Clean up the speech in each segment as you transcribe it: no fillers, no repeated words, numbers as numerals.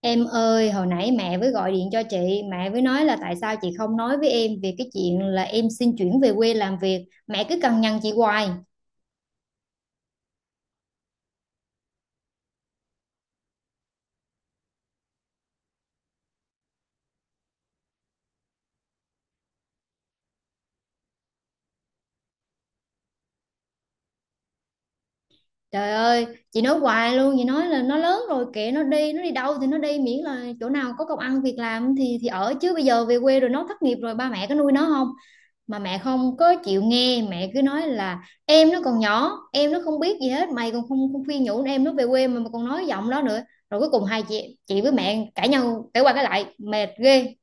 Em ơi, hồi nãy mẹ mới gọi điện cho chị, mẹ mới nói là tại sao chị không nói với em về cái chuyện là em xin chuyển về quê làm việc. Mẹ cứ cằn nhằn chị hoài. Trời ơi, chị nói hoài luôn, chị nói là nó lớn rồi kệ nó đi đâu thì nó đi miễn là chỗ nào có công ăn việc làm thì ở, chứ bây giờ về quê rồi nó thất nghiệp rồi ba mẹ có nuôi nó không? Mà mẹ không có chịu nghe, mẹ cứ nói là em nó còn nhỏ, em nó không biết gì hết, mày còn không khuyên nhủ em nó về quê, mà còn nói giọng đó nữa. Rồi cuối cùng hai chị với mẹ cãi nhau, cãi qua cãi lại mệt ghê.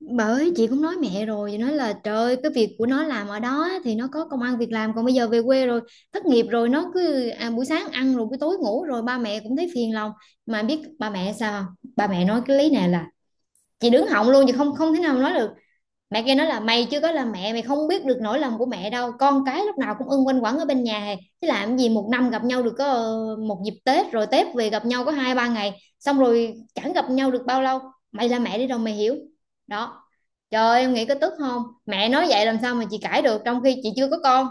Bởi chị cũng nói mẹ rồi, chị nói là trời ơi, cái việc của nó làm ở đó thì nó có công ăn việc làm, còn bây giờ về quê rồi thất nghiệp rồi nó cứ buổi sáng ăn rồi buổi tối ngủ rồi ba mẹ cũng thấy phiền lòng. Mà biết ba mẹ sao không? Ba mẹ nói cái lý này là chị đứng họng luôn, chị không không thể nào nói được. Mẹ kia nói là mày chưa có là mẹ mày không biết được nỗi lòng của mẹ đâu, con cái lúc nào cũng ưng quanh quẩn ở bên nhà hè. Chứ làm gì một năm gặp nhau được có một dịp Tết, rồi Tết về gặp nhau có hai ba ngày xong rồi chẳng gặp nhau được bao lâu. Mày là mẹ đi rồi mày hiểu đó. Trời ơi, em nghĩ có tức không, mẹ nói vậy làm sao mà chị cãi được trong khi chị chưa có con.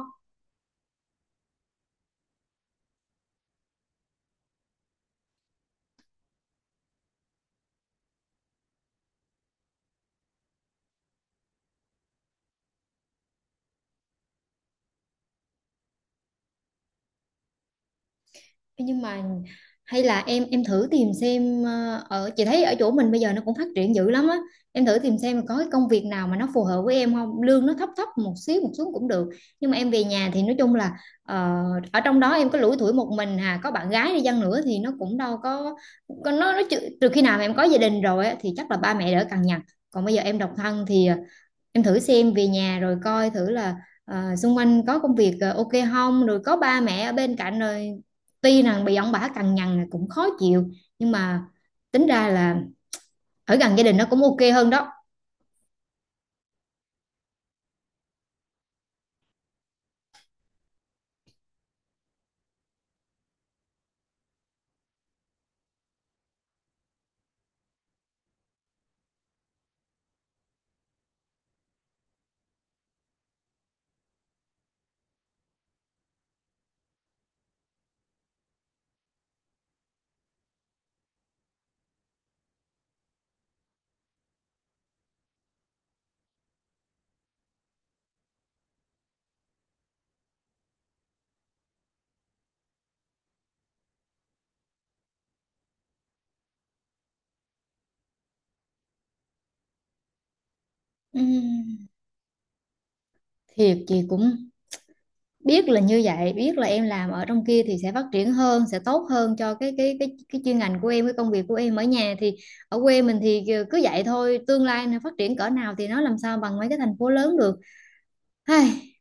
Thế nhưng mà hay là em thử tìm xem, ở chị thấy ở chỗ mình bây giờ nó cũng phát triển dữ lắm á. Em thử tìm xem có cái công việc nào mà nó phù hợp với em không, lương nó thấp thấp một xíu cũng được, nhưng mà em về nhà thì nói chung là ờ, ở trong đó em có lủi thủi một mình hà, có bạn gái đi chăng nữa thì nó cũng đâu có nó, nó trừ khi nào mà em có gia đình rồi á, thì chắc là ba mẹ đỡ cằn nhằn. Còn bây giờ em độc thân thì em thử xem về nhà rồi coi thử là, xung quanh có công việc ok không, rồi có ba mẹ ở bên cạnh rồi, tuy rằng bị ông bà cằn nhằn là cũng khó chịu, nhưng mà tính ra là ở gần gia đình nó cũng ok hơn đó. Ừm, thiệt chị cũng biết là như vậy, biết là em làm ở trong kia thì sẽ phát triển hơn, sẽ tốt hơn cho cái chuyên ngành của em, cái công việc của em ở nhà thì, ở quê mình thì cứ vậy thôi, tương lai nó phát triển cỡ nào thì nó làm sao bằng mấy cái thành phố lớn được. Ai,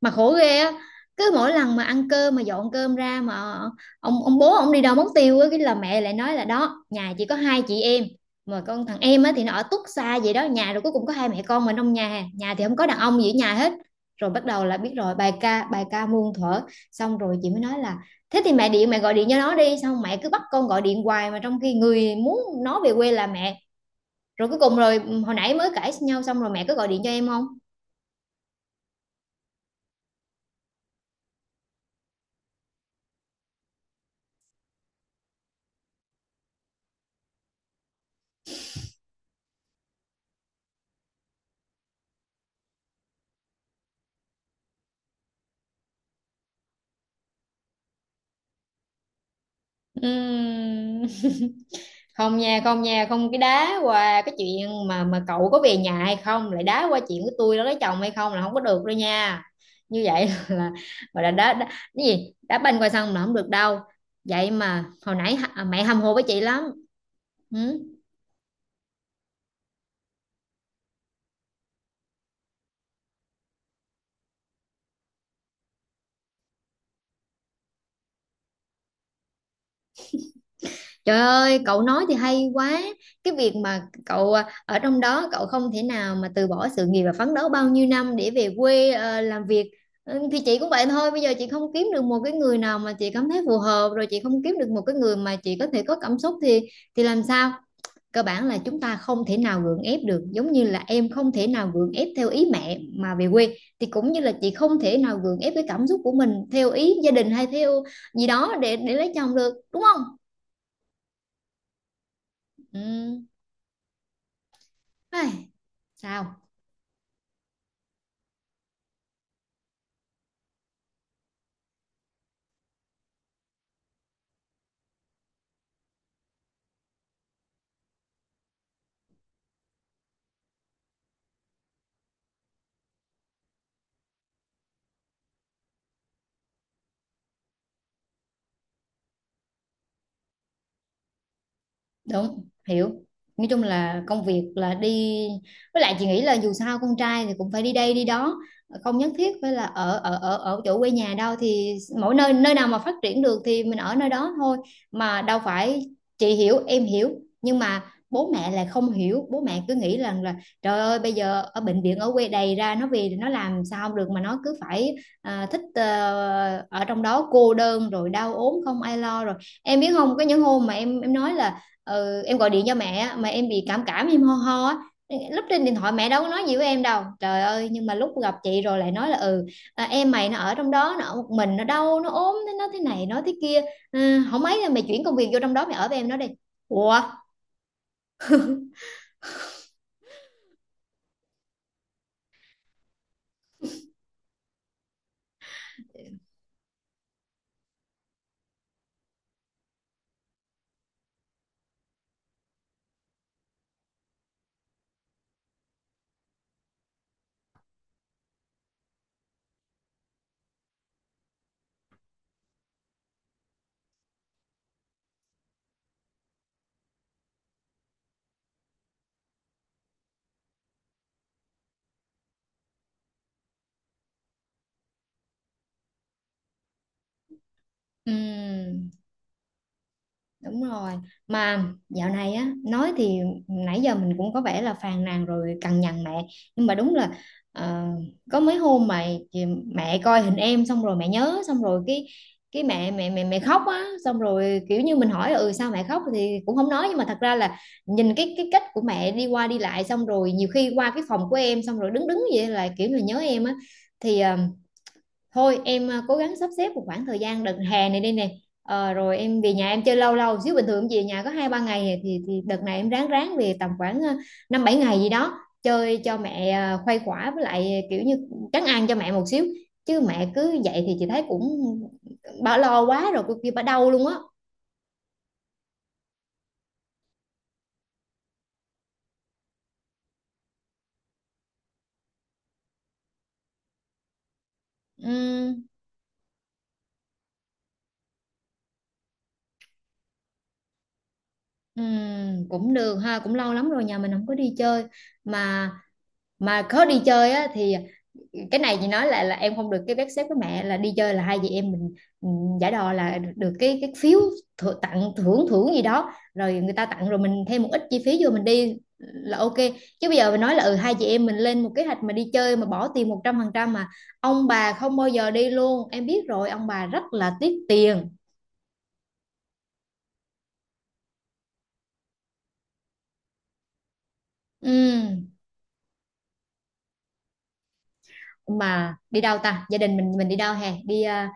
mà khổ ghê á, cứ mỗi lần mà ăn cơm mà dọn cơm ra mà ông bố ông đi đâu mất tiêu á, cái là mẹ lại nói là đó nhà chỉ có hai chị em, mà con thằng em á thì nó ở tuốt xa vậy đó nhà, rồi cuối cùng có hai mẹ con mà trong nhà nhà thì không có đàn ông gì ở nhà hết. Rồi bắt đầu là biết rồi, bài ca muôn thuở. Xong rồi chị mới nói là thế thì mẹ điện mẹ gọi điện cho nó đi, xong mẹ cứ bắt con gọi điện hoài mà trong khi người muốn nó về quê là mẹ. Rồi cuối cùng rồi hồi nãy mới cãi nhau xong rồi mẹ cứ gọi điện cho em không. Ừm. Không nha, không nha, không, cái đá qua cái chuyện mà cậu có về nhà hay không lại đá qua chuyện của tôi đó, lấy chồng hay không là không có được đâu nha. Như vậy là gọi là đá cái gì đá banh qua sông là không được đâu. Vậy mà hồi nãy mẹ hâm mộ với chị lắm. Ừ. Trời ơi, cậu nói thì hay quá. Cái việc mà cậu ở trong đó cậu không thể nào mà từ bỏ sự nghiệp và phấn đấu bao nhiêu năm để về quê làm việc. Ừ, thì chị cũng vậy thôi, bây giờ chị không kiếm được một cái người nào mà chị cảm thấy phù hợp, rồi chị không kiếm được một cái người mà chị có thể có cảm xúc thì làm sao? Cơ bản là chúng ta không thể nào gượng ép được, giống như là em không thể nào gượng ép theo ý mẹ mà về quê, thì cũng như là chị không thể nào gượng ép cái cảm xúc của mình theo ý gia đình hay theo gì đó để lấy chồng được, đúng không? Ừ. Ai, sao đúng hiểu, nói chung là công việc là đi, với lại chị nghĩ là dù sao con trai thì cũng phải đi đây đi đó, không nhất thiết phải là ở ở ở ở chỗ quê nhà đâu, thì mỗi nơi nơi nào mà phát triển được thì mình ở nơi đó thôi. Mà đâu phải, chị hiểu em hiểu, nhưng mà bố mẹ lại không hiểu, bố mẹ cứ nghĩ rằng là trời ơi bây giờ ở bệnh viện ở quê đầy ra, nó về thì nó làm sao được mà nó cứ phải thích ở trong đó cô đơn rồi đau ốm không ai lo rồi. Em biết không, có những hôm mà em nói là ừ, em gọi điện cho mẹ á, mà em bị cảm cảm em ho ho á, lúc trên điện thoại mẹ đâu có nói gì với em đâu trời ơi, nhưng mà lúc gặp chị rồi lại nói là ừ em mày nó ở trong đó nó ở một mình nó đau nó ốm nó thế này nó thế kia. Ừ, không mấy là mày chuyển công việc vô trong đó mày ở với em nó đi. Ủa. Ừ. Đúng rồi. Mà dạo này á, nói thì nãy giờ mình cũng có vẻ là phàn nàn rồi cằn nhằn mẹ. Nhưng mà đúng là ờ, có mấy hôm mà chị- mẹ coi hình em xong rồi mẹ nhớ xong rồi cái mẹ mẹ mẹ mẹ khóc á, xong rồi kiểu như mình hỏi ừ sao mẹ khóc thì cũng không nói, nhưng mà thật ra là nhìn cái cách của mẹ đi qua đi lại, xong rồi nhiều khi qua cái phòng của em xong rồi đứng đứng vậy là kiểu là nhớ em á. Thì thôi em cố gắng sắp xếp một khoảng thời gian đợt hè này đi nè. Ờ, rồi em về nhà em chơi lâu lâu xíu, bình thường em về nhà có hai ba ngày thì đợt này em ráng ráng về tầm khoảng năm bảy ngày gì đó chơi cho mẹ khuây khỏa, với lại kiểu như trấn an cho mẹ một xíu, chứ mẹ cứ vậy thì chị thấy cũng bà lo quá rồi cô kia bà đau luôn á. Ừm, cũng được ha, cũng lâu lắm rồi nhà mình không có đi chơi. mà mà có đi chơi á thì cái này chị nói là em không được cái vé xếp với mẹ là đi chơi là hai chị em mình. Ừm, giả đò là được cái phiếu thử, tặng thưởng thưởng gì đó rồi người ta tặng rồi mình thêm một ít chi phí vô mình đi là ok. Chứ bây giờ mình nói là ừ hai chị em mình lên một kế hoạch mà đi chơi mà bỏ tiền một trăm phần trăm mà ông bà không bao giờ đi luôn, em biết rồi ông bà rất là tiếc tiền. Ừ, mà đi đâu ta, gia đình mình đi đâu hè đi à,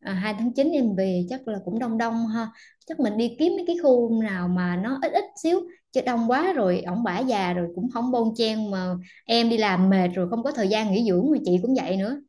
à, 2 tháng 9 em về chắc là cũng đông đông ha, chắc mình đi kiếm mấy cái khu nào mà nó ít ít xíu, chứ đông quá rồi ổng bả già rồi cũng không bon chen mà, em đi làm mệt rồi không có thời gian nghỉ dưỡng mà chị cũng vậy nữa.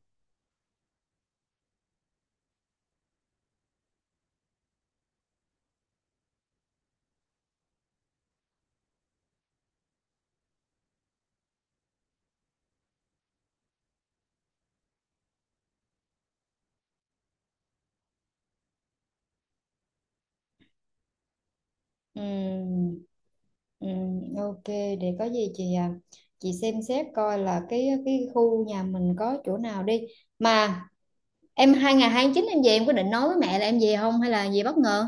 Ừm. Ok, để có gì chị chị xem xét coi là cái khu nhà mình có chỗ nào đi. Mà em hai ngày hai chín em về em có định nói với mẹ là em về không hay là về bất ngờ.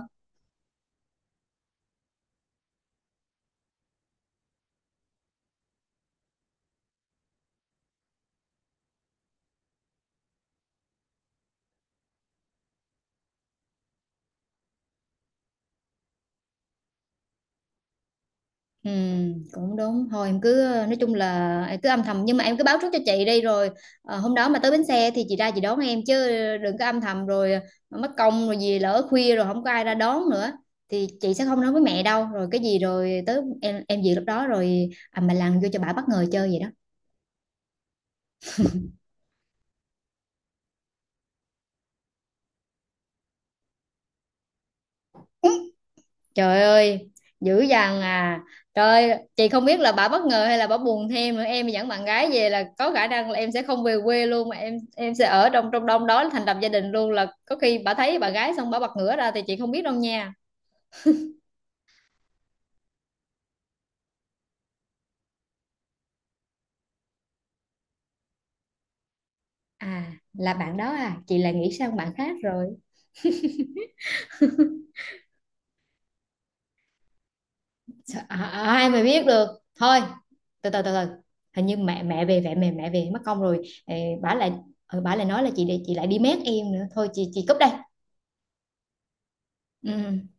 Ừ, cũng đúng thôi em cứ nói chung là em cứ âm thầm nhưng mà em cứ báo trước cho chị đi rồi, ờ, hôm đó mà tới bến xe thì chị ra chị đón em chứ đừng có âm thầm rồi mất công rồi gì lỡ khuya rồi không có ai ra đón nữa. Thì chị sẽ không nói với mẹ đâu, rồi cái gì rồi tới em về lúc đó rồi mà làm vô cho bà bất ngờ chơi vậy đó. Trời ơi, dữ dằn à. Trời ơi, chị không biết là bà bất ngờ hay là bà buồn thêm nữa. Em dẫn bạn gái về là có khả năng là em sẽ không về quê luôn mà em sẽ ở trong trong đông đó thành lập gia đình luôn, là có khi bà thấy bạn gái xong bà bật ngửa ra thì chị không biết đâu nha. À, là bạn đó à, chị là nghĩ sang bạn khác rồi. À, à, ai mà biết được. Thôi, từ từ. Hình như mẹ mẹ về mẹ mẹ mẹ về mất công rồi. Ê, bả lại bả lại nói là chị để chị lại đi mét em nữa. Thôi chị cúp đây. Ừ.